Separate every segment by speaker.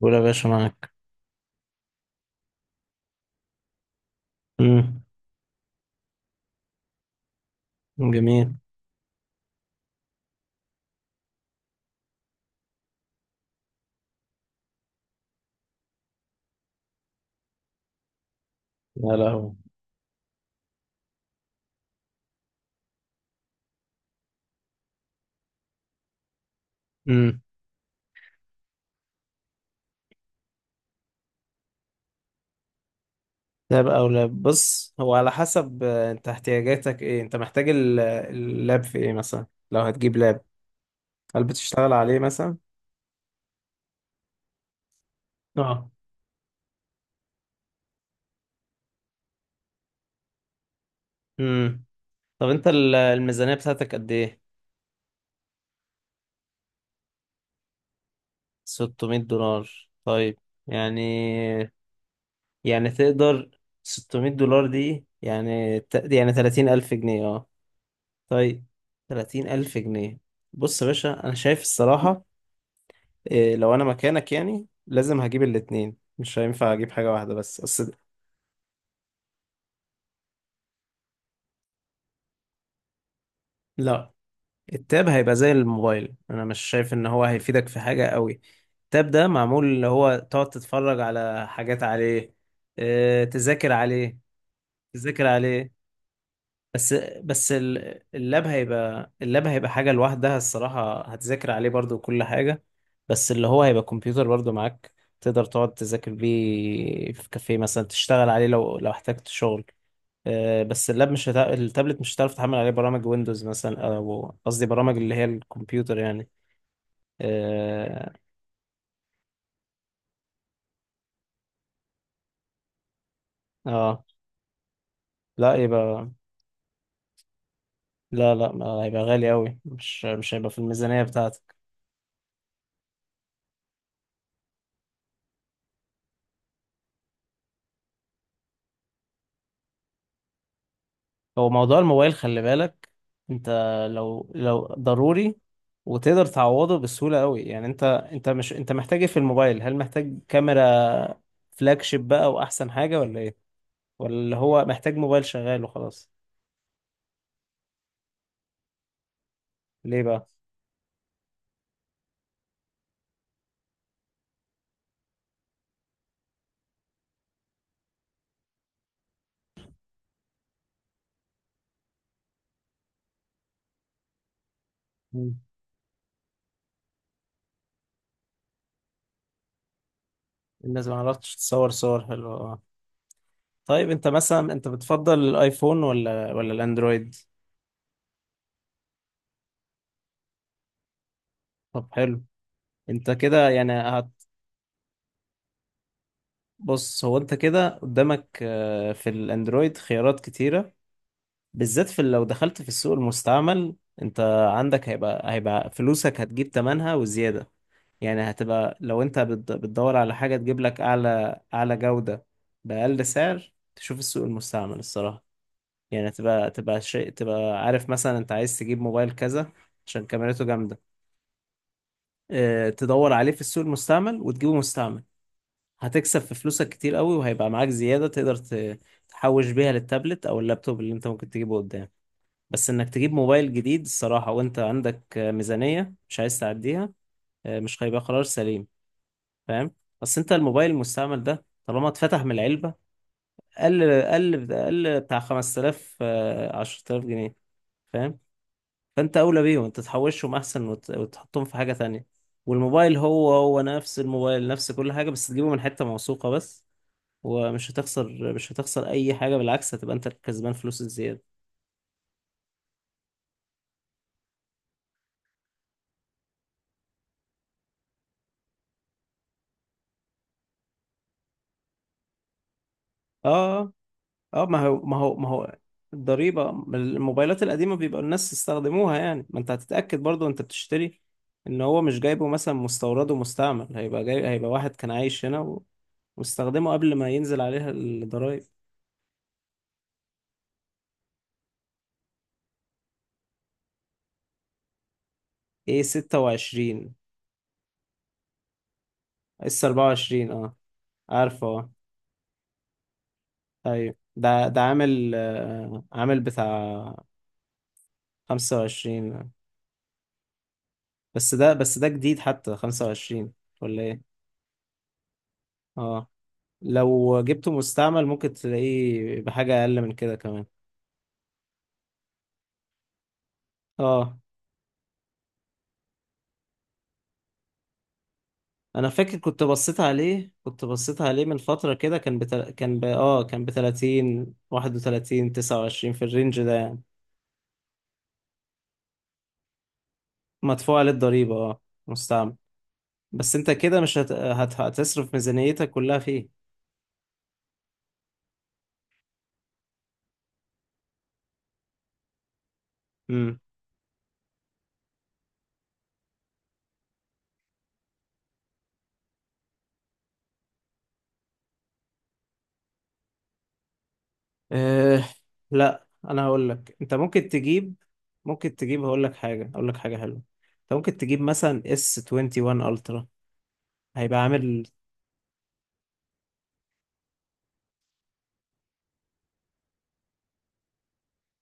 Speaker 1: قول يا باشا، معاك. امم. جميل. يا لهوي. امم. لاب او لاب، بص هو على حسب، انت احتياجاتك ايه؟ انت محتاج اللاب في ايه مثلا لو هتجيب لاب؟ هل بتشتغل عليه مثلا؟ اه. امم. طب انت الميزانية بتاعتك قد ايه؟ 600 دولار، طيب. يعني. يعني تقدر. 600 دولار دي يعني يعني 30 ألف جنيه، اه؟ طيب. 30 ألف جنيه. بص يا باشا، أنا شايف الصراحة، إيه، لو انا مكانك يعني لازم هجيب الاتنين، مش هينفع اجيب حاجة واحدة بس، اصل. لا، التاب هيبقى زي الموبايل. انا مش شايف ان هو هيفيدك في حاجة قوي. التاب ده معمول اللي هو تقعد تتفرج على حاجات عليه. إيه، تذاكر عليه؟ تذاكر عليه؟ بس اللاب هيبقى، اللاب هيبقى حاجة لوحدها الصراحة، هتذاكر عليه برضو كل حاجة، بس اللي هو هيبقى كمبيوتر برضو معاك. تقدر تقعد تذاكر بيه في كافيه مثلا، تشتغل عليه لو احتجت شغل. بس اللاب مش هتا... التابلت مش هتعرف تحمل عليه برامج ويندوز مثلا، او قصدي برامج اللي هي الكمبيوتر يعني. اه. آه. لا يبقى. لا لا ما- هيبقى غالي قوي، مش هيبقى في الميزانية بتاعتك. هو موضوع الموبايل خلي بالك انت. لو ضروري وتقدر تعوضه بسهولة قوي يعني انت، انت مش انت محتاج ايه في الموبايل؟ هل محتاج كاميرا فلاج شيب بقى واحسن حاجة، ولا ايه؟ ولا اللي هو محتاج موبايل شغال وخلاص؟ ليه بقى؟ الناس ما عرفتش تصور صور حلوة، اه. طيب انت مثلا انت بتفضل الايفون ولا الاندرويد؟ طب حلو. انت كده يعني هت. بص هو انت كده قدامك في الاندرويد خيارات كتيرة، بالذات في لو دخلت في السوق المستعمل. انت عندك، هيبقى فلوسك هتجيب تمنها وزيادة. يعني هتبقى لو انت بتدور على حاجة تجيب لك اعلى جودة بأقل سعر، تشوف السوق المستعمل الصراحة. يعني تبقى شيء تبقى عارف مثلا انت عايز تجيب موبايل كذا عشان كاميرته جامدة. اه، تدور عليه في السوق المستعمل وتجيبه مستعمل. هتكسب في فلوسك كتير قوي، وهيبقى معاك زيادة تقدر تحوش بيها للتابلت او اللابتوب اللي انت ممكن تجيبه قدام. بس انك تجيب موبايل جديد الصراحة، وانت عندك ميزانية مش عايز تعديها، مش هيبقى قرار سليم، فاهم؟ بس انت الموبايل المستعمل ده طالما اتفتح من العلبة، قل بتاع 5000 10,000 جنيه. فاهم؟ فانت اولى بيهم. انت تحوشهم احسن وتحطهم في حاجه تانية. والموبايل هو هو نفس الموبايل، نفس كل حاجه، بس تجيبه من حته موثوقه بس. ومش هتخسر، مش هتخسر اي حاجه، بالعكس هتبقى انت الكسبان فلوس الزياده. اه. اه، ما هو الضريبه. الموبايلات القديمه بيبقى الناس استخدموها، يعني ما انت هتتاكد برضو انت بتشتري ان هو مش جايبه مثلا مستورد ومستعمل، هيبقى جاي هيبقى واحد كان عايش هنا واستخدمه قبل ما ينزل عليها الضرايب. ايه 26؟ اس 24، اه، عارفه اه. ايوه ده عامل عامل بتاع 25. بس ده بس ده جديد حتى، 25 ولا ايه؟ اه. لو جبته مستعمل ممكن تلاقيه بحاجة اقل من كده كمان. اه. انا فاكر كنت بصيت عليه من فترة كده، كان كان اه، كان ب 30، 31، 29، في الرينج ده يعني. مدفوع عليه الضريبة اه، مستعمل. بس انت كده مش هتصرف ميزانيتك كلها فيه. أه. لا انا هقول لك انت ممكن تجيب. هقول لك حاجه، هقول لك حاجه حلوه. انت ممكن تجيب مثلا اس 21 الترا، هيبقى عامل.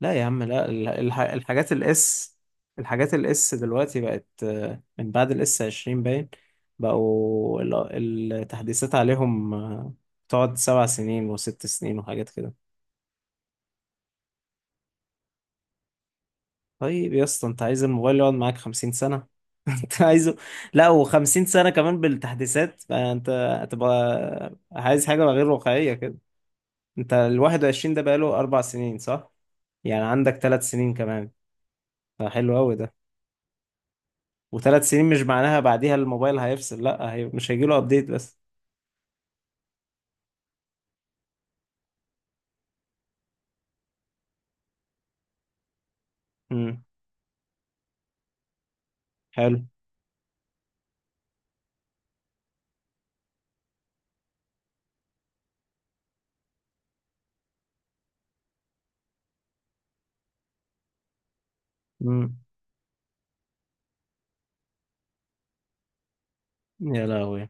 Speaker 1: لا يا عم لا، الحاجات الاس، الحاجات الاس دلوقتي بقت من بعد الاس 20 باين. بقوا التحديثات عليهم تقعد سبع سنين وست سنين وحاجات كده. طيب يا اسطى، انت عايز الموبايل يقعد معاك 50 سنه؟ انت عايزه لا و50 سنة كمان بالتحديثات، فانت هتبقى عايز حاجة غير واقعية كده. انت ال 21 ده بقاله اربع سنين، صح؟ يعني عندك ثلاث سنين كمان، فحلو قوي ده. وثلاث سنين مش معناها بعديها الموبايل هيفصل، لا، هي مش هيجيله ابديت بس. امم. حلو. امم. يا لهوي،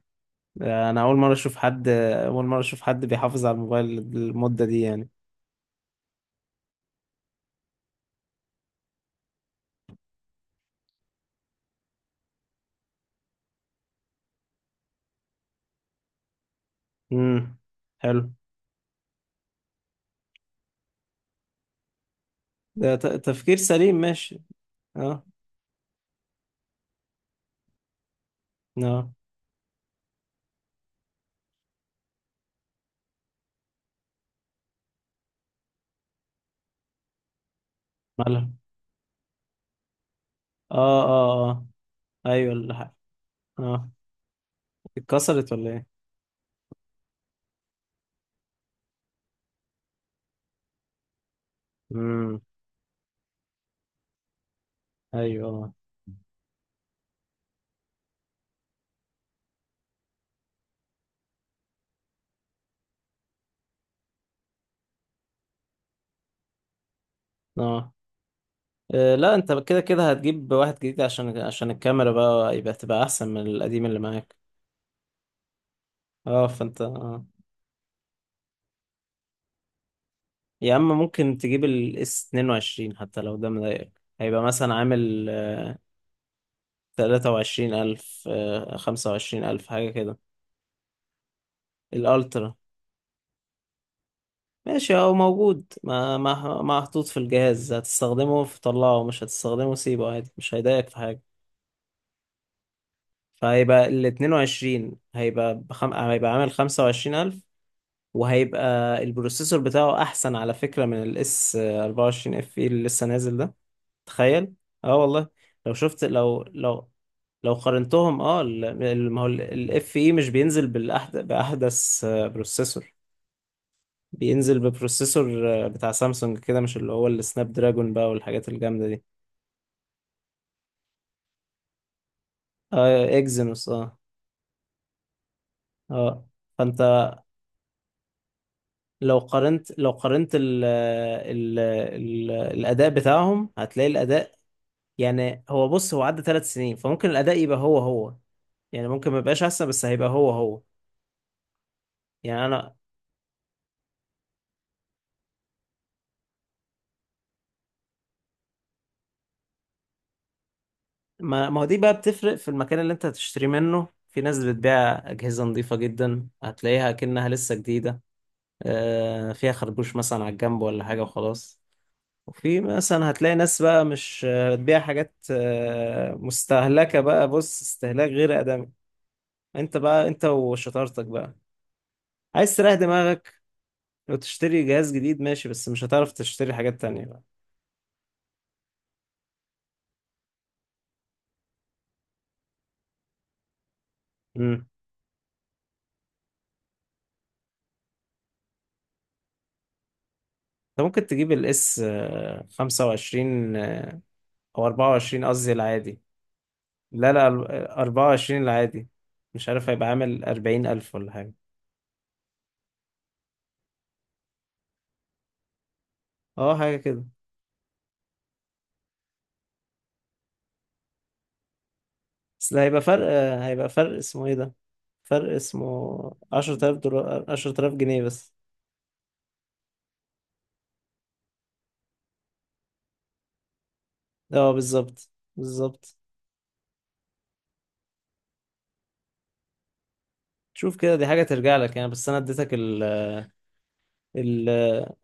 Speaker 1: ده انا اول مرة اشوف حد. اول مرة اشوف حد بيحافظ على الموبايل المدة دي يعني. امم. حلو. ده تفكير سليم، ماشي. اه. اه. مالها. اه اه اه. ايوه اه. اتكسرت ولا ايه؟ امم. ايوه اه. آه، لا انت كده كده هتجيب واحد جديد، عشان الكاميرا بقى يبقى تبقى احسن من القديم اللي معاك. اه فانت آه. يا اما ممكن تجيب الاس 22 حتى لو، ده مضايقك هيبقى مثلا عامل تلاتة وعشرين ألف خمسة وعشرين ألف حاجة كده. الألترا، ماشي هو موجود، ما محطوط في الجهاز، هتستخدمه في طلعه، مش هتستخدمه سيبه عادي، مش هيضايقك في حاجة. فهيبقى ال 22 هيبقى هيبقى عامل 25,000، وهيبقى البروسيسور بتاعه احسن على فكرة من الاس 24 اف اي اللي لسه نازل ده. تخيل. اه والله. لو شفت، لو لو قارنتهم، اه، ما هو الاف اي مش بينزل باحدث بروسيسور. بينزل ببروسيسور بتاع سامسونج كده، مش اللي هو السناب دراجون بقى والحاجات الجامدة دي. اه اكزينوس اه. اه فانت لو قارنت لو قارنت ال ال ال الأداء بتاعهم، هتلاقي الأداء، يعني هو بص هو عدى ثلاث سنين، فممكن الأداء يبقى هو هو، يعني ممكن ما يبقاش أحسن بس هيبقى هو هو. يعني أنا ما هو دي بقى بتفرق في المكان اللي أنت هتشتري منه. في ناس بتبيع أجهزة نظيفة جدا، هتلاقيها كأنها لسه جديدة، فيها خربوش مثلا على الجنب ولا حاجة وخلاص. وفي مثلا هتلاقي ناس بقى مش بتبيع حاجات مستهلكة بقى، بص استهلاك غير آدمي. انت بقى، انت وشطارتك بقى، عايز تريح دماغك لو تشتري جهاز جديد ماشي، بس مش هتعرف تشتري حاجات تانية بقى. امم. انت ممكن تجيب الاس 25 او 24، قصدي العادي. لا لا ال- 24 العادي. مش عارف هيبقى عامل 40,000 ولا حاجة. اه، حاجة كده. بس ده هيبقى فرق هيبقى فرق اسمه ايه ده، فرق اسمه 10,000 دولار، 10,000 جنيه بس. اه بالظبط، بالظبط. شوف كده، دي حاجة ترجع لك يعني. بس انا اديتك ال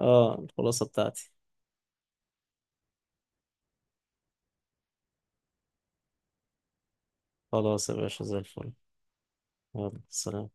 Speaker 1: اه الخلاصة بتاعتي. خلاص يا باشا زي الفل. يلا سلام.